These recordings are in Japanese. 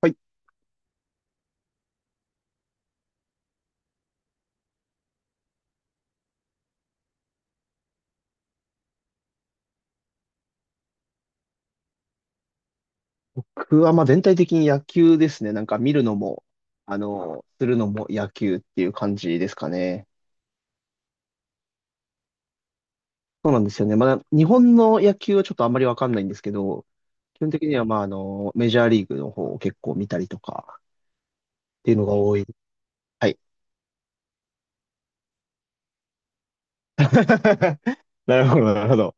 はい。僕はまあ全体的に野球ですね。なんか見るのも、するのも野球っていう感じですかね。そうなんですよね。まだ日本の野球はちょっとあんまりわかんないんですけど、基本的にはまあメジャーリーグの方を結構見たりとかっていうのが多い。はい。なるほど、なるほど。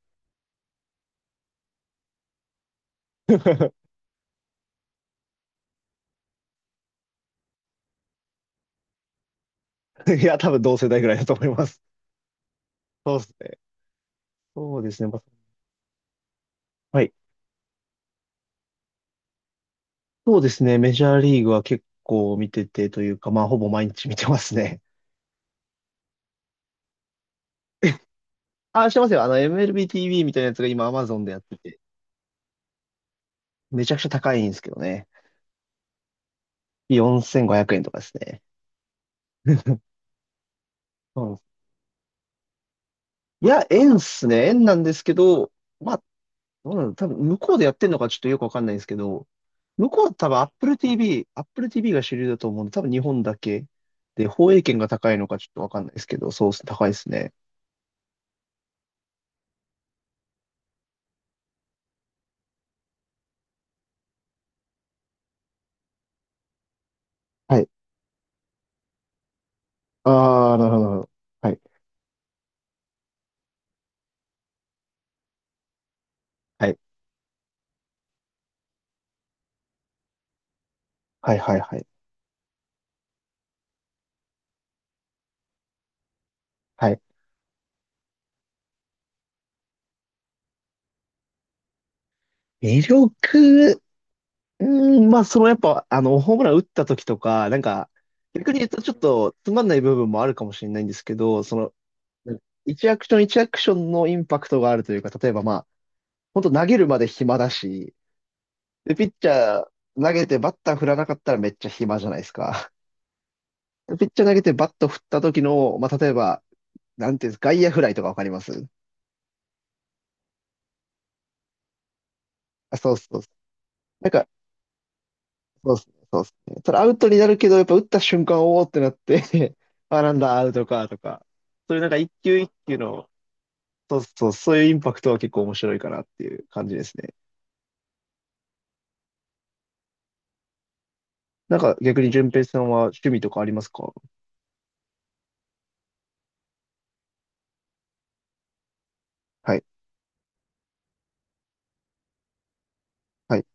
いや、多分同世代ぐらいだと思います。そうですね。そうですね。まあはい。そうですね。メジャーリーグは結構見ててというか、まあほぼ毎日見てますね。あ、してますよ。MLBTV みたいなやつが今 Amazon でやってて、めちゃくちゃ高いんですけどね。4500円とかですね。うん。いや、円っすね。円なんですけど、まあ、どうなの多分向こうでやってんのかちょっとよくわかんないんですけど、向こうは多分 Apple TV が主流だと思うんで、多分日本だけで、放映権が高いのかちょっとわかんないですけど、そうっす、高いですね。はい。ああ、なるほど、なるほど。はい。はい。はい、はい、はい。はい。魅力、うまあ、そのやっぱ、あの、ホームラン打った時とか、なんか、逆に言うとちょっとつまんない部分もあるかもしれないんですけど、一アクション一アクションのインパクトがあるというか、例えばまあ、本当投げるまで暇だし、で、ピッチャー投げてバッター振らなかったらめっちゃ暇じゃないですか。でピッチャー投げてバット振った時の、まあ、例えば、なんていうんですか、外野フライとかわかります？あ、そうそう。なんかそうっすね、そうっすね。それアウトになるけど、やっぱ打った瞬間、おーってなって あ、なんだ、アウトか、とか。そういうなんか一球一球の、そうそう、そういうインパクトは結構面白いかなっていう感じですね。なんか逆に順平さんは趣味とかありますか？はい、はい。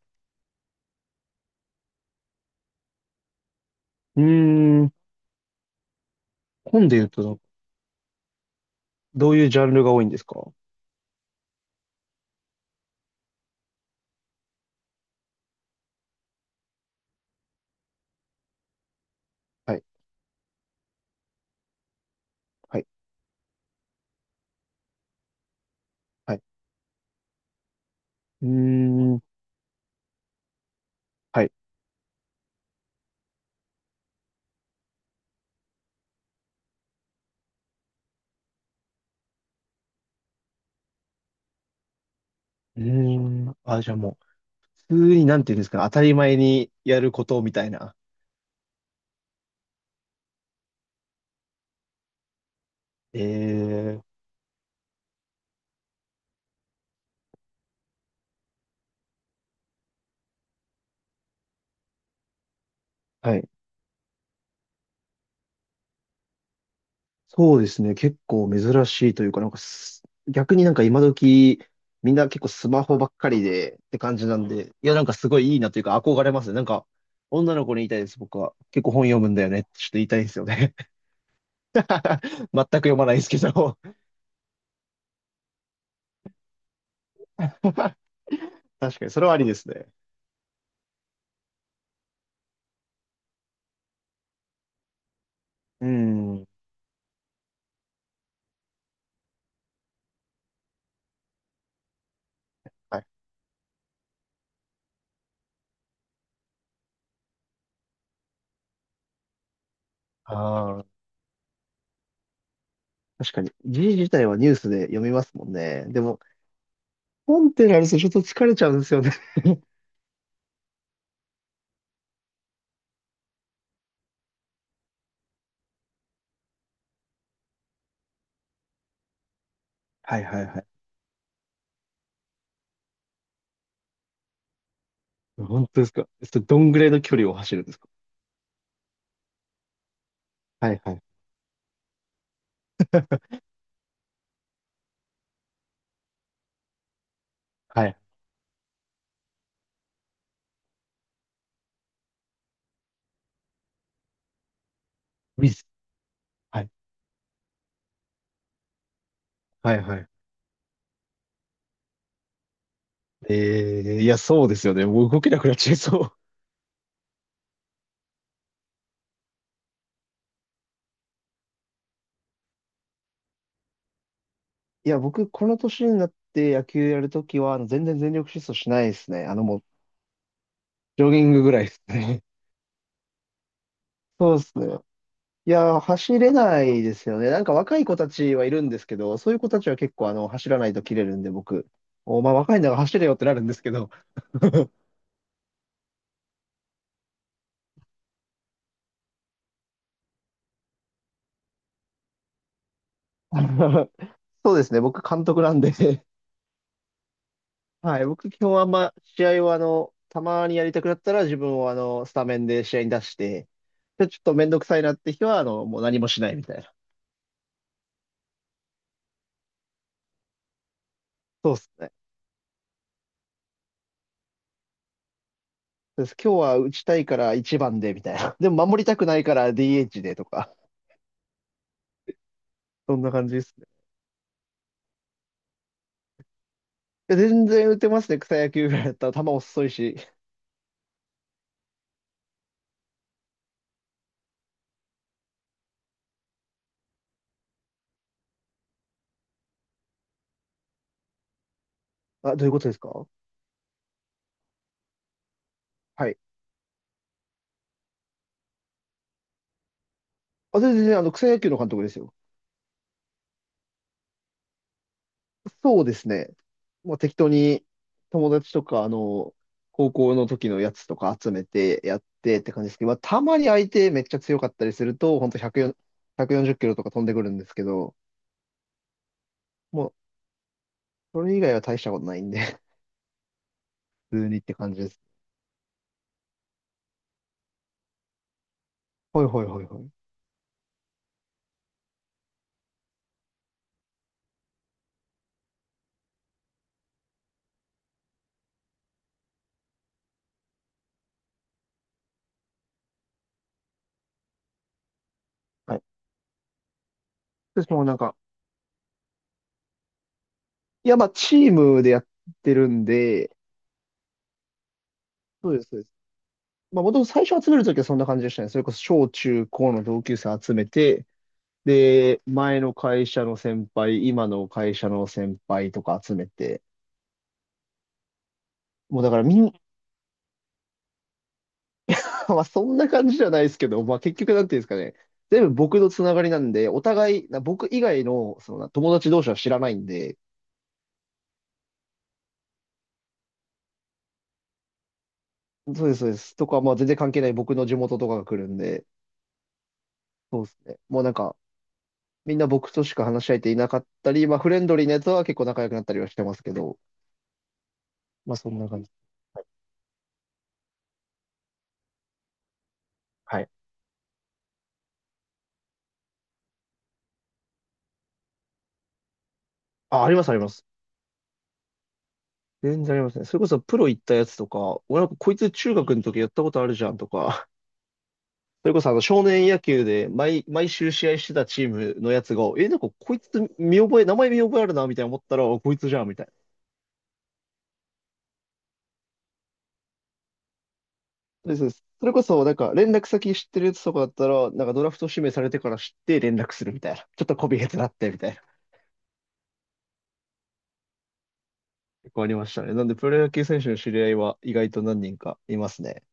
うーん、本で言うと、どういうジャンルが多いんですか？はい、はい、はい。うーん、はい。うーあ、じゃあもう、普通になんていうんですかね、当たり前にやることみたいな。ええ。はい。そうですね。結構珍しいというか、なんかす、逆になんか今時、みんな結構スマホばっかりでって感じなんで、いや、なんかすごいいいなというか憧れますね。なんか、女の子に言いたいです、僕は。結構本読むんだよねってちょっと言いたいですよね。全く読まないですけど。確かに、それはありですね。うん。はい。ああ、確かに。字自体はニュースで読みますもんね。でも、本ってなるとちょっと疲れちゃうんですよね。はいはいはい。本当ですか？それどんぐらいの距離を走るんですか？はいはいはい。ウィズ。はい。はいはい。いや、そうですよね。もう動けなくなっちゃいそう。いや、僕、この年になって野球やるときは、全然全力疾走しないですね。もう、ジョギングぐらいですね。そうですね。いや、走れないですよね。なんか若い子たちはいるんですけど、そういう子たちは結構走らないと切れるんで、僕、お前若いんだから走れよってなるんですけど、そうですね、僕監督なんで。はい。僕、基本はあんま試合はたまにやりたくなったら自分をスタメンで試合に出して、で、ちょっとめんどくさいなって日はもう何もしないみたいな。そうっすね。です。今日は打ちたいから一番でみたいな。でも守りたくないから DH でとか、そんな感じですね。で全然打てますね。草野球ぐらいだったら球遅いし。あ、どういうことですか？はい。あ、全然草野球の監督ですよ。そうですね。もう適当に友達とか、高校の時のやつとか集めてやってって感じですけど、まあ、たまに相手めっちゃ強かったりすると、ほんと140、1キロとか飛んでくるんですけど、もう、それ以外は大したことないんで、普通にって感じです。はいはいはいはい。はい。私もなんか、いや、まあ、チームでやってるんで、そうです、そうです。まあ、もともと最初集めるときはそんな感じでしたね。それこそ小中高の同級生集めて、で、前の会社の先輩、今の会社の先輩とか集めて、もうだからみんな はそんな感じじゃないですけど、まあ結局なんていうんですかね、全部僕のつながりなんで、お互い、な僕以外のその友達同士は知らないんで、そうです、そうです。とか、まあ全然関係ない僕の地元とかが来るんで、そうですね。もうなんか、みんな僕としか話し合えていなかったり、まあフレンドリーなやつは結構仲良くなったりはしてますけど、まあそんな感じ。はい。あ、あります、あります。全然ありますね。それこそプロ行ったやつとか、俺なんかこいつ中学の時やったことあるじゃんとか、それこそあの少年野球で毎週試合してたチームのやつが、え、なんかこいつ見覚え、名前見覚えあるな、みたいな思ったら、あこいつじゃん、みたいな。です。それこそなんか連絡先知ってるやつとかだったら、なんかドラフト指名されてから知って連絡するみたいな。ちょっとこびへつなって、みたいな。結構ありましたね。なんでプロ野球選手の知り合いは意外と何人かいますね。